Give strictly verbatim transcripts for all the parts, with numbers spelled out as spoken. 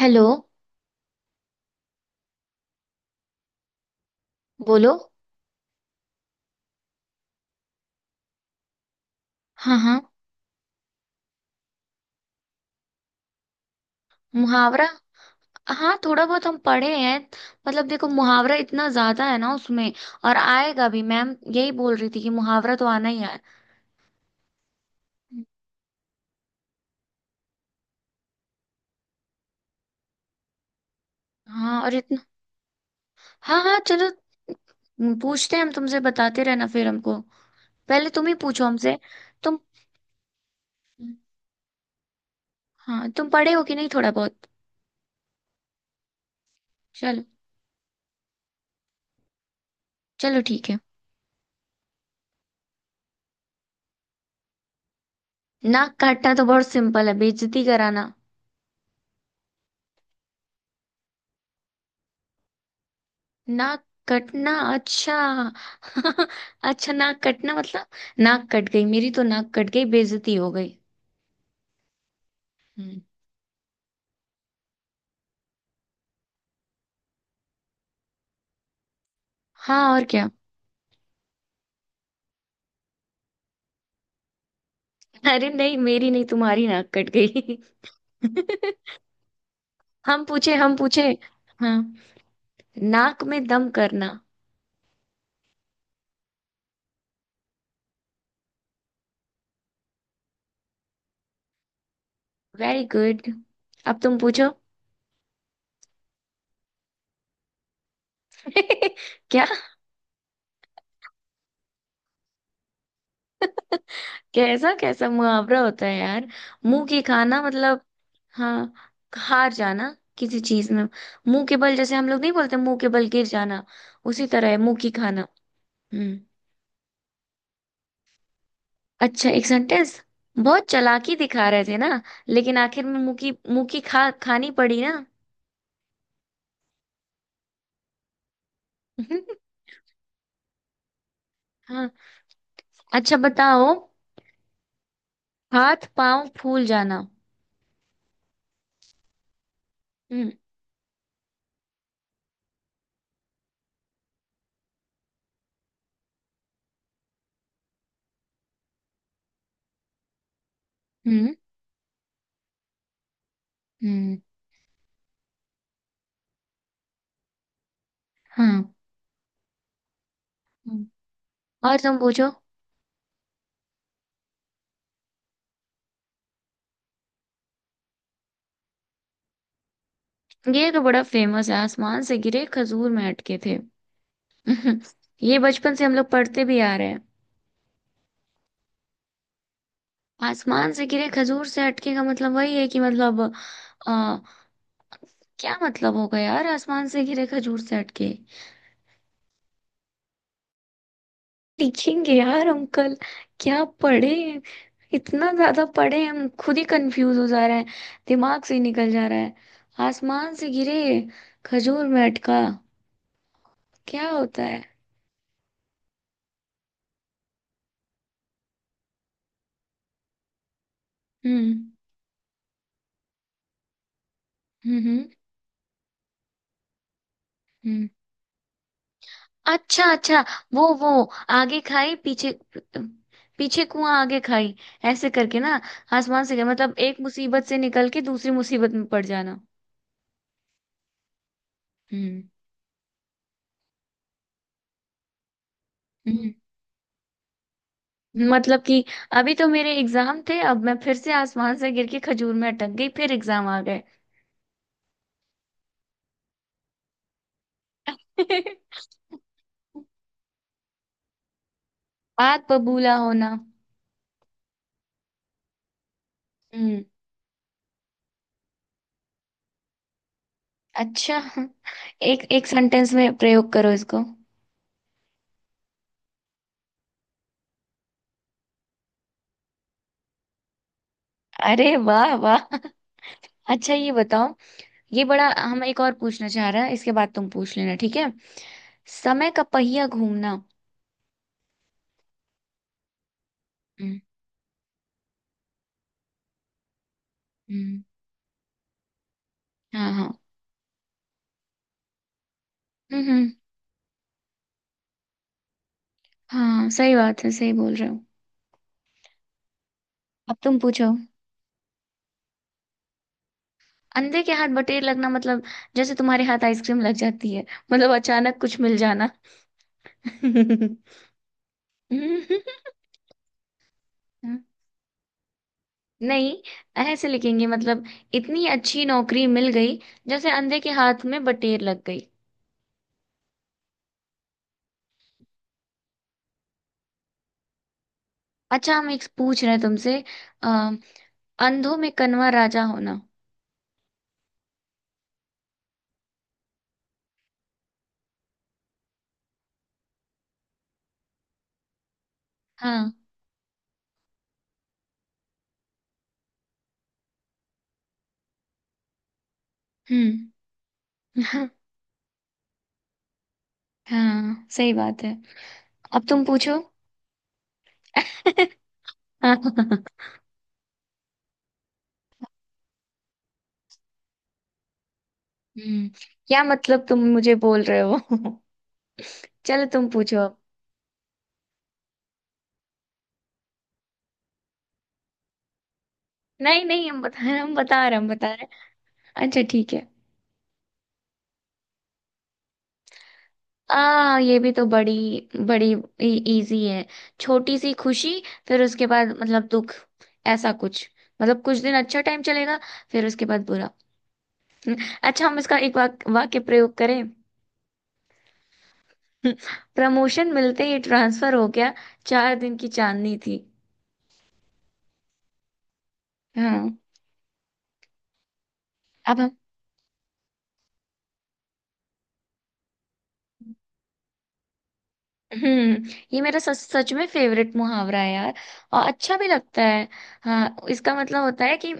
Hello. बोलो। हाँ, हाँ। मुहावरा। हाँ, थोड़ा बहुत हम पढ़े हैं। मतलब देखो, मुहावरा इतना ज्यादा है ना उसमें। और आएगा भी, मैम यही बोल रही थी कि मुहावरा तो आना ही है। हाँ और इतना। हाँ, हाँ, चलो। हम्म, पूछते हैं हम तुमसे, बताते रहना फिर हमको। पहले तुम ही पूछो हमसे। तुम। हाँ, तुम पढ़े हो कि नहीं, थोड़ा बहुत? चलो। चलो, ठीक है। नाक काटना तो बहुत सिंपल है, बेइज्जती कराना। नाक कटना, अच्छा। अच्छा, नाक कटना मतलब। नाक कट गई, मेरी तो नाक कट गई, बेइज्जती हो गई। हम्म। हाँ, और क्या। अरे नहीं, मेरी नहीं, तुम्हारी नाक कट गई। हम पूछे, हम पूछे। हाँ। नाक में दम करना। Very good. अब तुम पूछो। क्या। कैसा कैसा मुहावरा होता है यार? मुंह की खाना मतलब। हाँ, हार जाना किसी चीज में। मुंह के बल, जैसे हम लोग नहीं बोलते मुंह के बल गिर जाना। उसी तरह है मुंह की खाना। हम्म। अच्छा, एक सेंटेंस। बहुत चालाकी दिखा रहे थे ना, लेकिन आखिर में मुंह की मुंह की खा खानी पड़ी ना। हाँ। अच्छा, बताओ। हाथ पांव फूल जाना। हम्म, हम्म, हम्म, हाँ, हम्म। और तुम पूछो। ये तो बड़ा फेमस है, आसमान से गिरे खजूर में अटके थे। ये बचपन से हम लोग पढ़ते भी आ रहे हैं। आसमान से गिरे खजूर से अटके का मतलब वही है कि मतलब। आ, क्या मतलब होगा यार, आसमान से गिरे खजूर से अटके? लिखेंगे यार अंकल। क्या पढ़े हैं? इतना ज्यादा पढ़े हैं, हम खुद ही कंफ्यूज हो जा रहे हैं। दिमाग से ही निकल जा रहा है। आसमान से गिरे खजूर में अटका। क्या होता है? हम्म, हम्म, हम्म। अच्छा, अच्छा। वो वो आगे खाई, पीछे। पीछे कुआं, आगे खाई। ऐसे करके ना। आसमान से गिरा। मतलब एक मुसीबत से निकल के दूसरी मुसीबत में पड़ जाना। हम्म, हम्म। मतलब कि अभी तो मेरे एग्जाम थे, अब मैं फिर से आसमान से गिर के खजूर में अटक गई, फिर एग्जाम आ गए। बात बबूला होना। हम्म। अच्छा, एक एक सेंटेंस में प्रयोग करो इसको। अरे वाह, वाह। अच्छा, ये बताओ। ये बड़ा, हम एक और पूछना चाह रहे हैं, इसके बाद तुम पूछ लेना, ठीक है। समय का पहिया घूमना। हम्म, हम्म, हाँ, हाँ, हम्म, हम्म, हाँ, सही बात है, सही बोल रहे हो। अब तुम पूछो। अंधे के हाथ बटेर लगना मतलब। जैसे तुम्हारे हाथ आइसक्रीम लग जाती है। मतलब अचानक कुछ मिल जाना। नहीं। ऐसे लिखेंगे मतलब। इतनी अच्छी नौकरी मिल गई। जैसे अंधे के हाथ में बटेर लग गई। अच्छा, हम एक पूछ रहे हैं तुमसे। अ, अंधों में कन्वा राजा होना। हाँ, हम्म, हाँ, हाँ, सही बात है। अब तुम पूछो। हम्म। क्या मतलब, तुम मुझे बोल रहे हो? चलो, तुम पूछो अब। नहीं, नहीं, हम बता रहे, हम बता रहे, हम बता रहे। अच्छा, ठीक है। आ ये भी तो बड़ी, बड़ी इजी है। छोटी सी खुशी। फिर उसके बाद मतलब दुख। ऐसा कुछ। मतलब कुछ दिन अच्छा टाइम चलेगा। फिर उसके बाद बुरा। अच्छा, हम इसका एक वाक, वाक्य प्रयोग करें? प्रमोशन मिलते ही ट्रांसफर हो गया। चार दिन की चांदनी थी। हाँ। अब हम- हम्म। ये मेरा सच सच में फेवरेट मुहावरा है यार। और अच्छा भी लगता है। हाँ, इसका मतलब होता है कि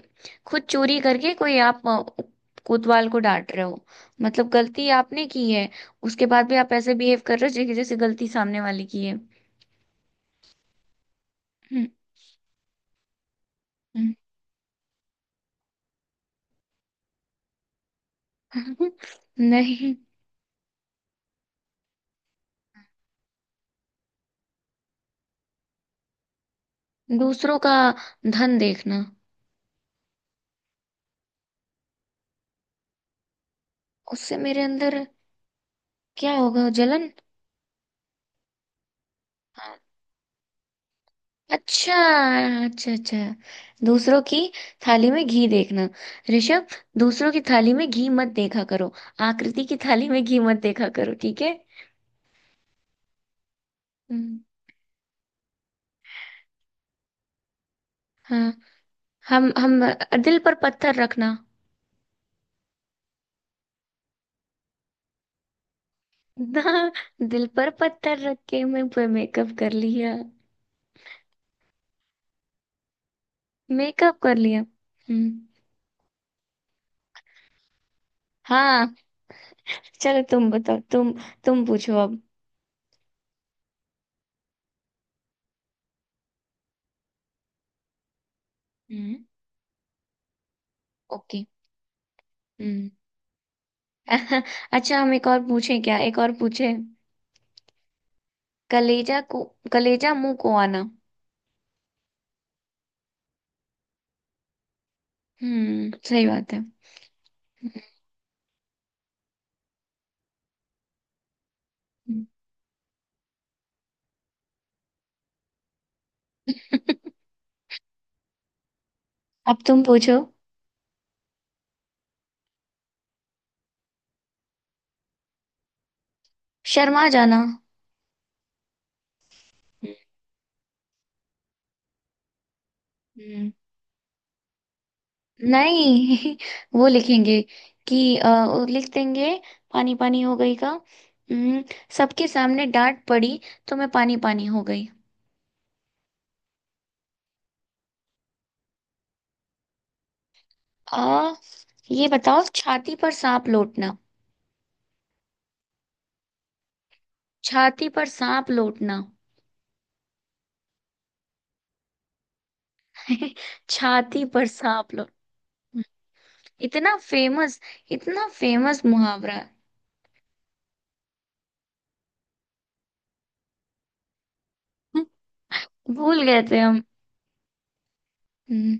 खुद चोरी करके कोई आप अ, कोतवाल को डांट रहे हो। मतलब गलती आपने की है। उसके बाद भी आप ऐसे बिहेव कर रहे हो जै- जैसे गलती सामने वाले की है। हम्म, हम्म। नहीं। दूसरों का धन देखना। उससे मेरे अंदर क्या होगा? जलन। हाँ। अच्छा, अच्छा, अच्छा। दूसरों की थाली में घी देखना। ऋषभ, दूसरों की थाली में घी मत देखा करो। आकृति की थाली में घी मत देखा करो, ठीक है। हम्म, हाँ। हम हम अ, दिल पर पत्थर रखना। ना, दिल पर पत्थर रख के मैं पे मेकअप कर लिया। मेकअप कर लिया, हम्म। हाँ। चलो, तुम बताओ, तुम। तुम पूछो अब। हम्म, ओके, हम्म। अच्छा, हम एक और पूछें क्या, एक और पूछें? कलेजा को कलेजा मुंह को आना। हम्म, सही बात है। अब तुम पूछो। शर्मा जाना। हम्म। नहीं। वो लिखेंगे कि अ, वो लिख देंगे, पानी पानी हो गई का। हम्म। सबके सामने डांट पड़ी, तो मैं पानी पानी हो गई। आ ये बताओ, छाती पर सांप लौटना। छाती पर सांप लौटना। छाती पर सांप लौट। इतना फेमस, इतना फेमस मुहावरा। भूल गए थे हम। हम्म,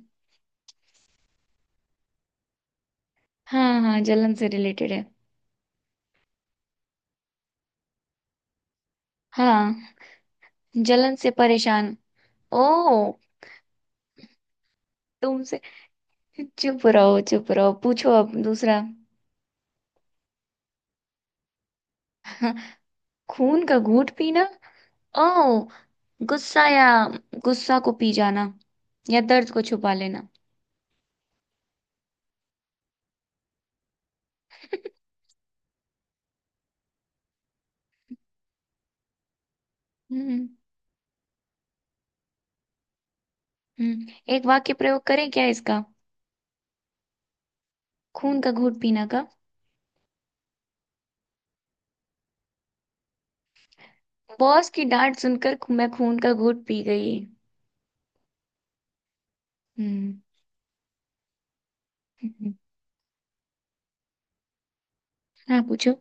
हाँ, हाँ, जलन से रिलेटेड है। हाँ, जलन से परेशान। ओ। तुमसे। चुप रहो, चुप रहो, पूछो अब दूसरा। हाँ, खून का घूंट पीना। ओ। गुस्सा, या गुस्सा को पी जाना, या दर्द को छुपा लेना। हम्म, हम्म। एक वाक्य प्रयोग करें क्या इसका? खून का घूंट पीना का। बॉस की डांट सुनकर मैं खून का घूंट पी गई। हम्म, हम्म, हम्म। हाँ, पूछो।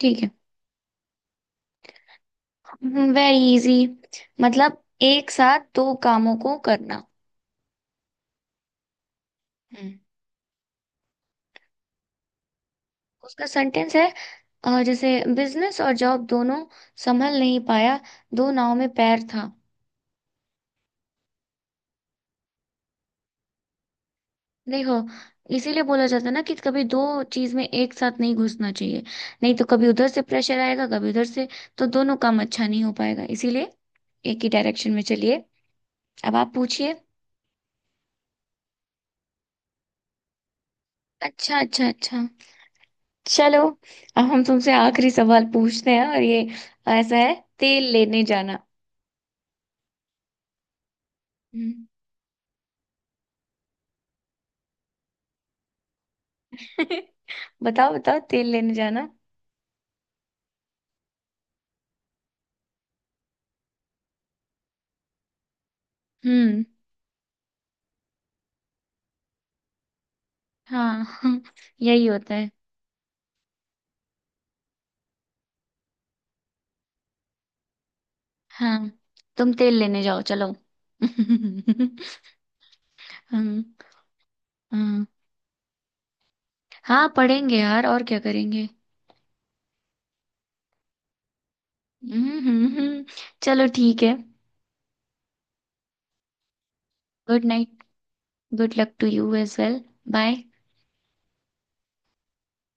ठीक है। Very easy. मतलब एक साथ दो कामों को करना। हम्म। उसका सेंटेंस है। अ, जैसे बिजनेस और जॉब दोनों संभल नहीं पाया। दो नाव में पैर था। देखो, इसीलिए बोला जाता है ना कि कभी दो चीज में एक साथ नहीं घुसना चाहिए। नहीं तो कभी उधर से प्रेशर आएगा, कभी उधर से। तो दोनों काम अच्छा नहीं हो पाएगा, इसीलिए एक ही डायरेक्शन में चलिए। अब आप पूछिए। अच्छा, अच्छा, अच्छा। चलो। अब हम तुमसे आखिरी सवाल पूछते हैं, और ये ऐसा है। तेल लेने जाना। हम्म। बताओ, बताओ, तेल लेने जाना। हम्म, हाँ। हाँ, यही होता है। हाँ, तुम तेल लेने जाओ, चलो। हम्म, हम्म, हाँ, पढ़ेंगे यार, और क्या करेंगे? हम्म, हम्म, हम्म। चलो, ठीक है। Good night. Good luck to you as well. Bye.